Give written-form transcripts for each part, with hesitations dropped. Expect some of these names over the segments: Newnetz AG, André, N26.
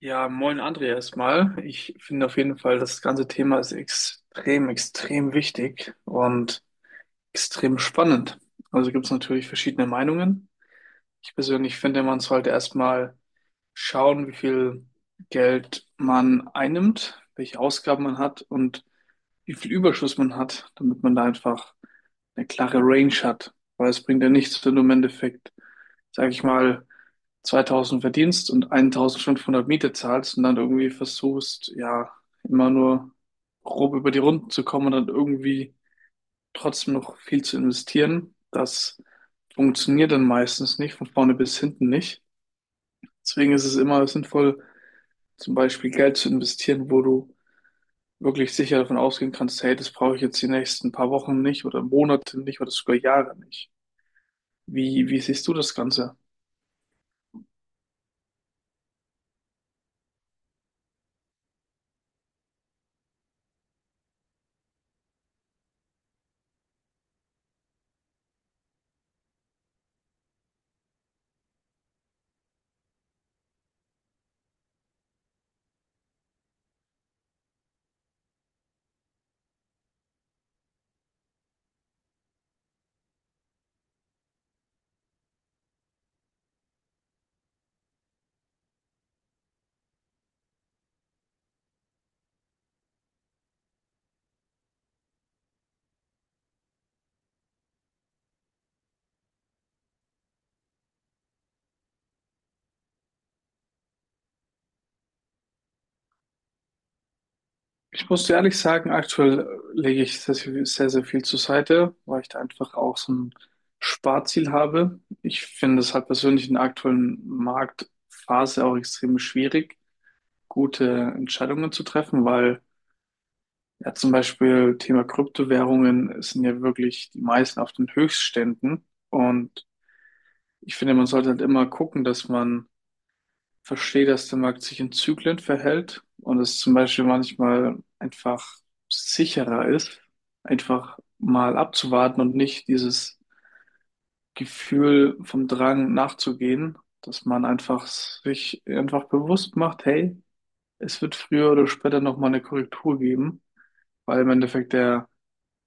Ja, moin André erstmal. Ich finde auf jeden Fall, das ganze Thema ist extrem, extrem wichtig und extrem spannend. Also gibt es natürlich verschiedene Meinungen. Ich persönlich finde, man sollte erstmal schauen, wie viel Geld man einnimmt, welche Ausgaben man hat und wie viel Überschuss man hat, damit man da einfach eine klare Range hat. Weil es bringt ja nichts, wenn du im Endeffekt, sag ich mal, 2000 verdienst und 1500 Miete zahlst und dann irgendwie versuchst, ja, immer nur grob über die Runden zu kommen und dann irgendwie trotzdem noch viel zu investieren. Das funktioniert dann meistens nicht, von vorne bis hinten nicht. Deswegen ist es immer sinnvoll, zum Beispiel Geld zu investieren, wo du wirklich sicher davon ausgehen kannst, hey, das brauche ich jetzt die nächsten paar Wochen nicht oder Monate nicht oder sogar Jahre nicht. Wie siehst du das Ganze? Ich muss dir ehrlich sagen, aktuell lege ich sehr, sehr, sehr viel zur Seite, weil ich da einfach auch so ein Sparziel habe. Ich finde es halt persönlich in der aktuellen Marktphase auch extrem schwierig, gute Entscheidungen zu treffen, weil ja zum Beispiel Thema Kryptowährungen sind ja wirklich die meisten auf den Höchstständen. Und ich finde, man sollte halt immer gucken, dass man verstehe, dass der Markt sich in Zyklen verhält und es zum Beispiel manchmal einfach sicherer ist, einfach mal abzuwarten und nicht dieses Gefühl vom Drang nachzugehen, dass man einfach sich einfach bewusst macht, hey, es wird früher oder später nochmal eine Korrektur geben, weil im Endeffekt der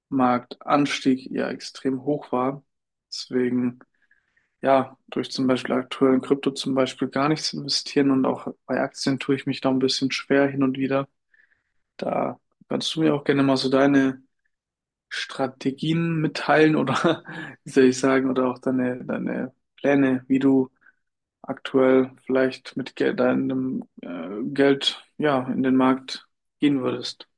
Marktanstieg ja extrem hoch war. Deswegen ja, durch zum Beispiel aktuell in Krypto zum Beispiel gar nichts investieren und auch bei Aktien tue ich mich da ein bisschen schwer hin und wieder. Da kannst du mir auch gerne mal so deine Strategien mitteilen oder wie soll ich sagen, oder auch deine Pläne, wie du aktuell vielleicht mit Geld, deinem Geld, ja, in den Markt gehen würdest.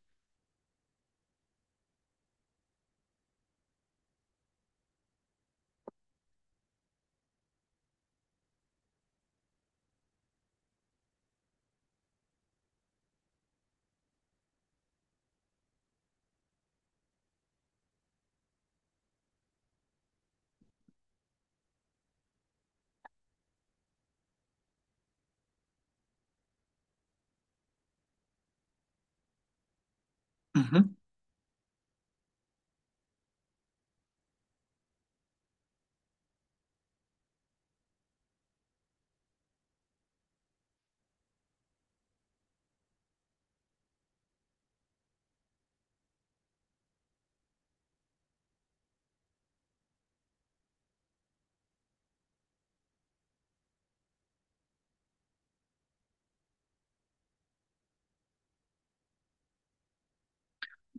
Mhm.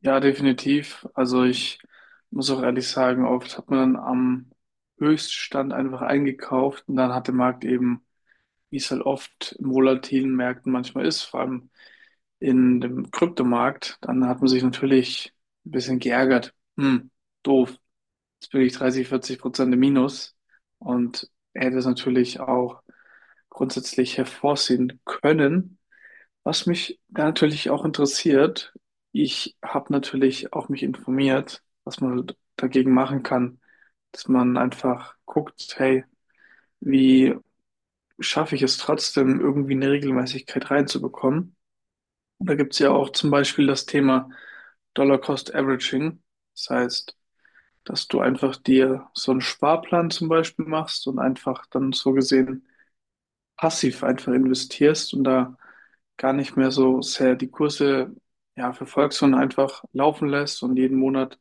Ja, definitiv. Also ich muss auch ehrlich sagen, oft hat man dann am Höchststand einfach eingekauft und dann hat der Markt eben wie es halt oft in volatilen Märkten manchmal ist, vor allem in dem Kryptomarkt, dann hat man sich natürlich ein bisschen geärgert. Hm, doof. Jetzt bin ich 30, 40% im Minus und hätte es natürlich auch grundsätzlich hervorsehen können. Was mich da natürlich auch interessiert, ich habe natürlich auch mich informiert, was man dagegen machen kann, dass man einfach guckt, hey, wie schaffe ich es trotzdem, irgendwie eine Regelmäßigkeit reinzubekommen. Und da gibt es ja auch zum Beispiel das Thema Dollar Cost Averaging. Das heißt, dass du einfach dir so einen Sparplan zum Beispiel machst und einfach dann so gesehen passiv einfach investierst und da gar nicht mehr so sehr die Kurse ja, verfolgst, sondern einfach laufen lässt und jeden Monat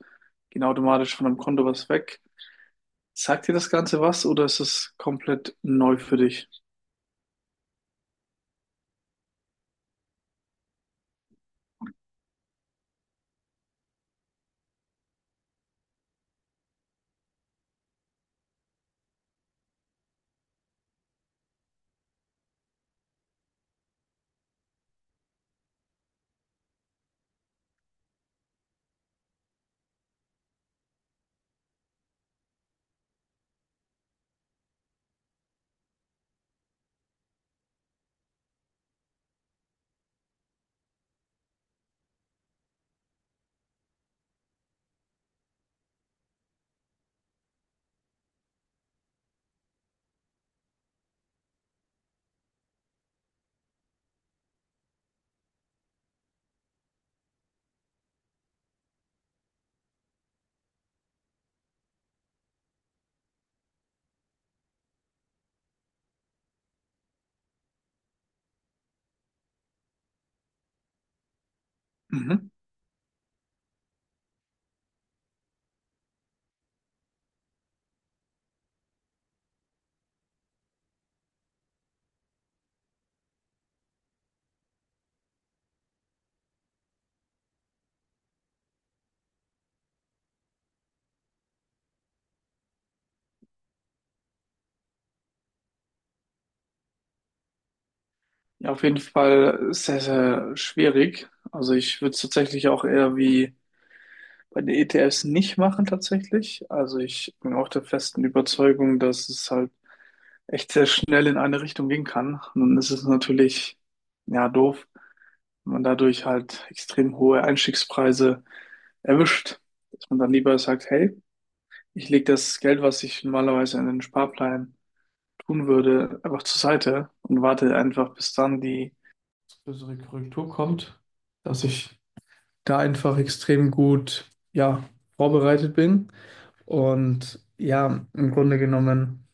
geht automatisch von deinem Konto was weg. Sagt dir das Ganze was oder ist es komplett neu für dich? Mhm. Ja, auf jeden Fall sehr, sehr schwierig. Also ich würde es tatsächlich auch eher wie bei den ETFs nicht machen tatsächlich. Also ich bin auch der festen Überzeugung, dass es halt echt sehr schnell in eine Richtung gehen kann. Und dann ist es natürlich, ja, doof, wenn man dadurch halt extrem hohe Einstiegspreise erwischt, dass man dann lieber sagt, hey, ich lege das Geld, was ich normalerweise in den Sparplan tun würde, einfach zur Seite und warte einfach, bis dann die größere Korrektur kommt, dass ich da einfach extrem gut, ja, vorbereitet bin. Und ja, im Grunde genommen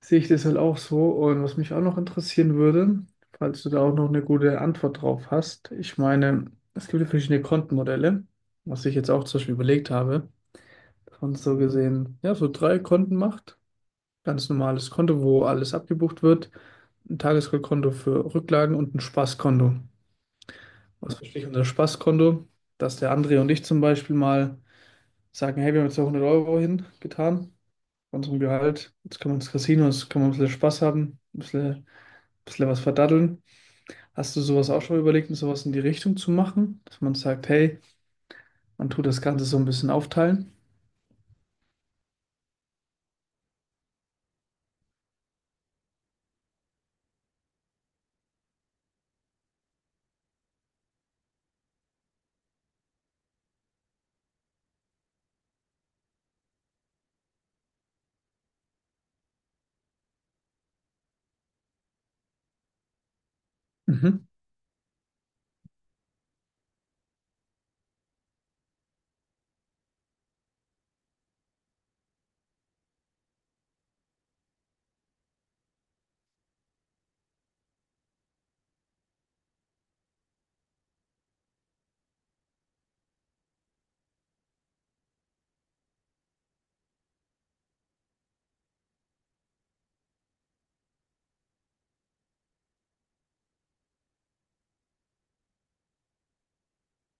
sehe ich das halt auch so. Und was mich auch noch interessieren würde, falls du da auch noch eine gute Antwort drauf hast, ich meine, es gibt ja verschiedene Kontenmodelle, was ich jetzt auch zum Beispiel überlegt habe, dass man so gesehen, ja, so drei Konten macht. Ganz normales Konto, wo alles abgebucht wird, ein Tagesgeldkonto für Rücklagen und ein Spaßkonto. Was verstehe ich unter Spaßkonto, dass der André und ich zum Beispiel mal sagen, hey, wir haben jetzt da 100 Euro hingetan von unserem Gehalt, jetzt können wir ins Casino, jetzt können wir ein bisschen Spaß haben, ein bisschen was verdaddeln. Hast du sowas auch schon mal überlegt, sowas in die Richtung zu machen, dass man sagt, hey, man tut das Ganze so ein bisschen aufteilen? Mhm.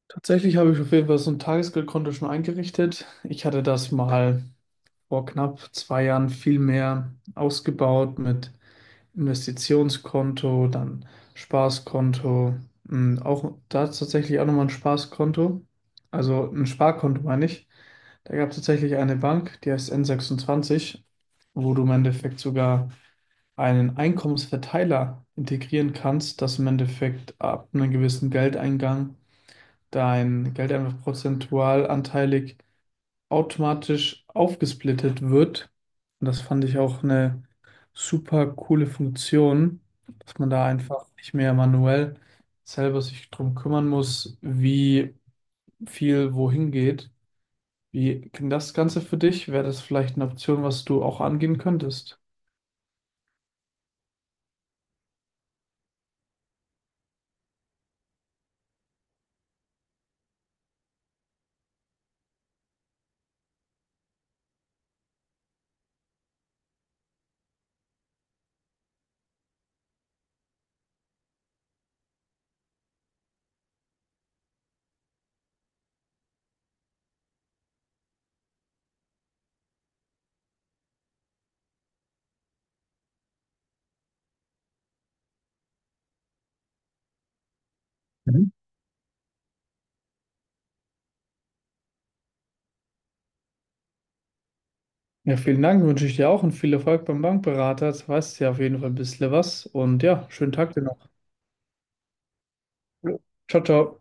Tatsächlich habe ich auf jeden Fall so ein Tagesgeldkonto schon eingerichtet. Ich hatte das mal vor knapp 2 Jahren viel mehr ausgebaut mit Investitionskonto, dann Spaßkonto, auch da ist tatsächlich auch nochmal ein Spaßkonto, also ein Sparkonto meine ich. Da gab es tatsächlich eine Bank, die heißt N26, wo du im Endeffekt sogar einen Einkommensverteiler integrieren kannst, dass im Endeffekt ab einem gewissen Geldeingang dein Geld einfach prozentual anteilig automatisch aufgesplittet wird. Und das fand ich auch eine super coole Funktion, dass man da einfach nicht mehr manuell selber sich drum kümmern muss, wie viel wohin geht. Wie klingt das Ganze für dich? Wäre das vielleicht eine Option, was du auch angehen könntest? Mhm. Ja, vielen Dank, wünsche ich dir auch und viel Erfolg beim Bankberater. Jetzt weißt du ja auf jeden Fall ein bisschen was und ja, schönen Tag dir noch. Jo. Ciao, ciao.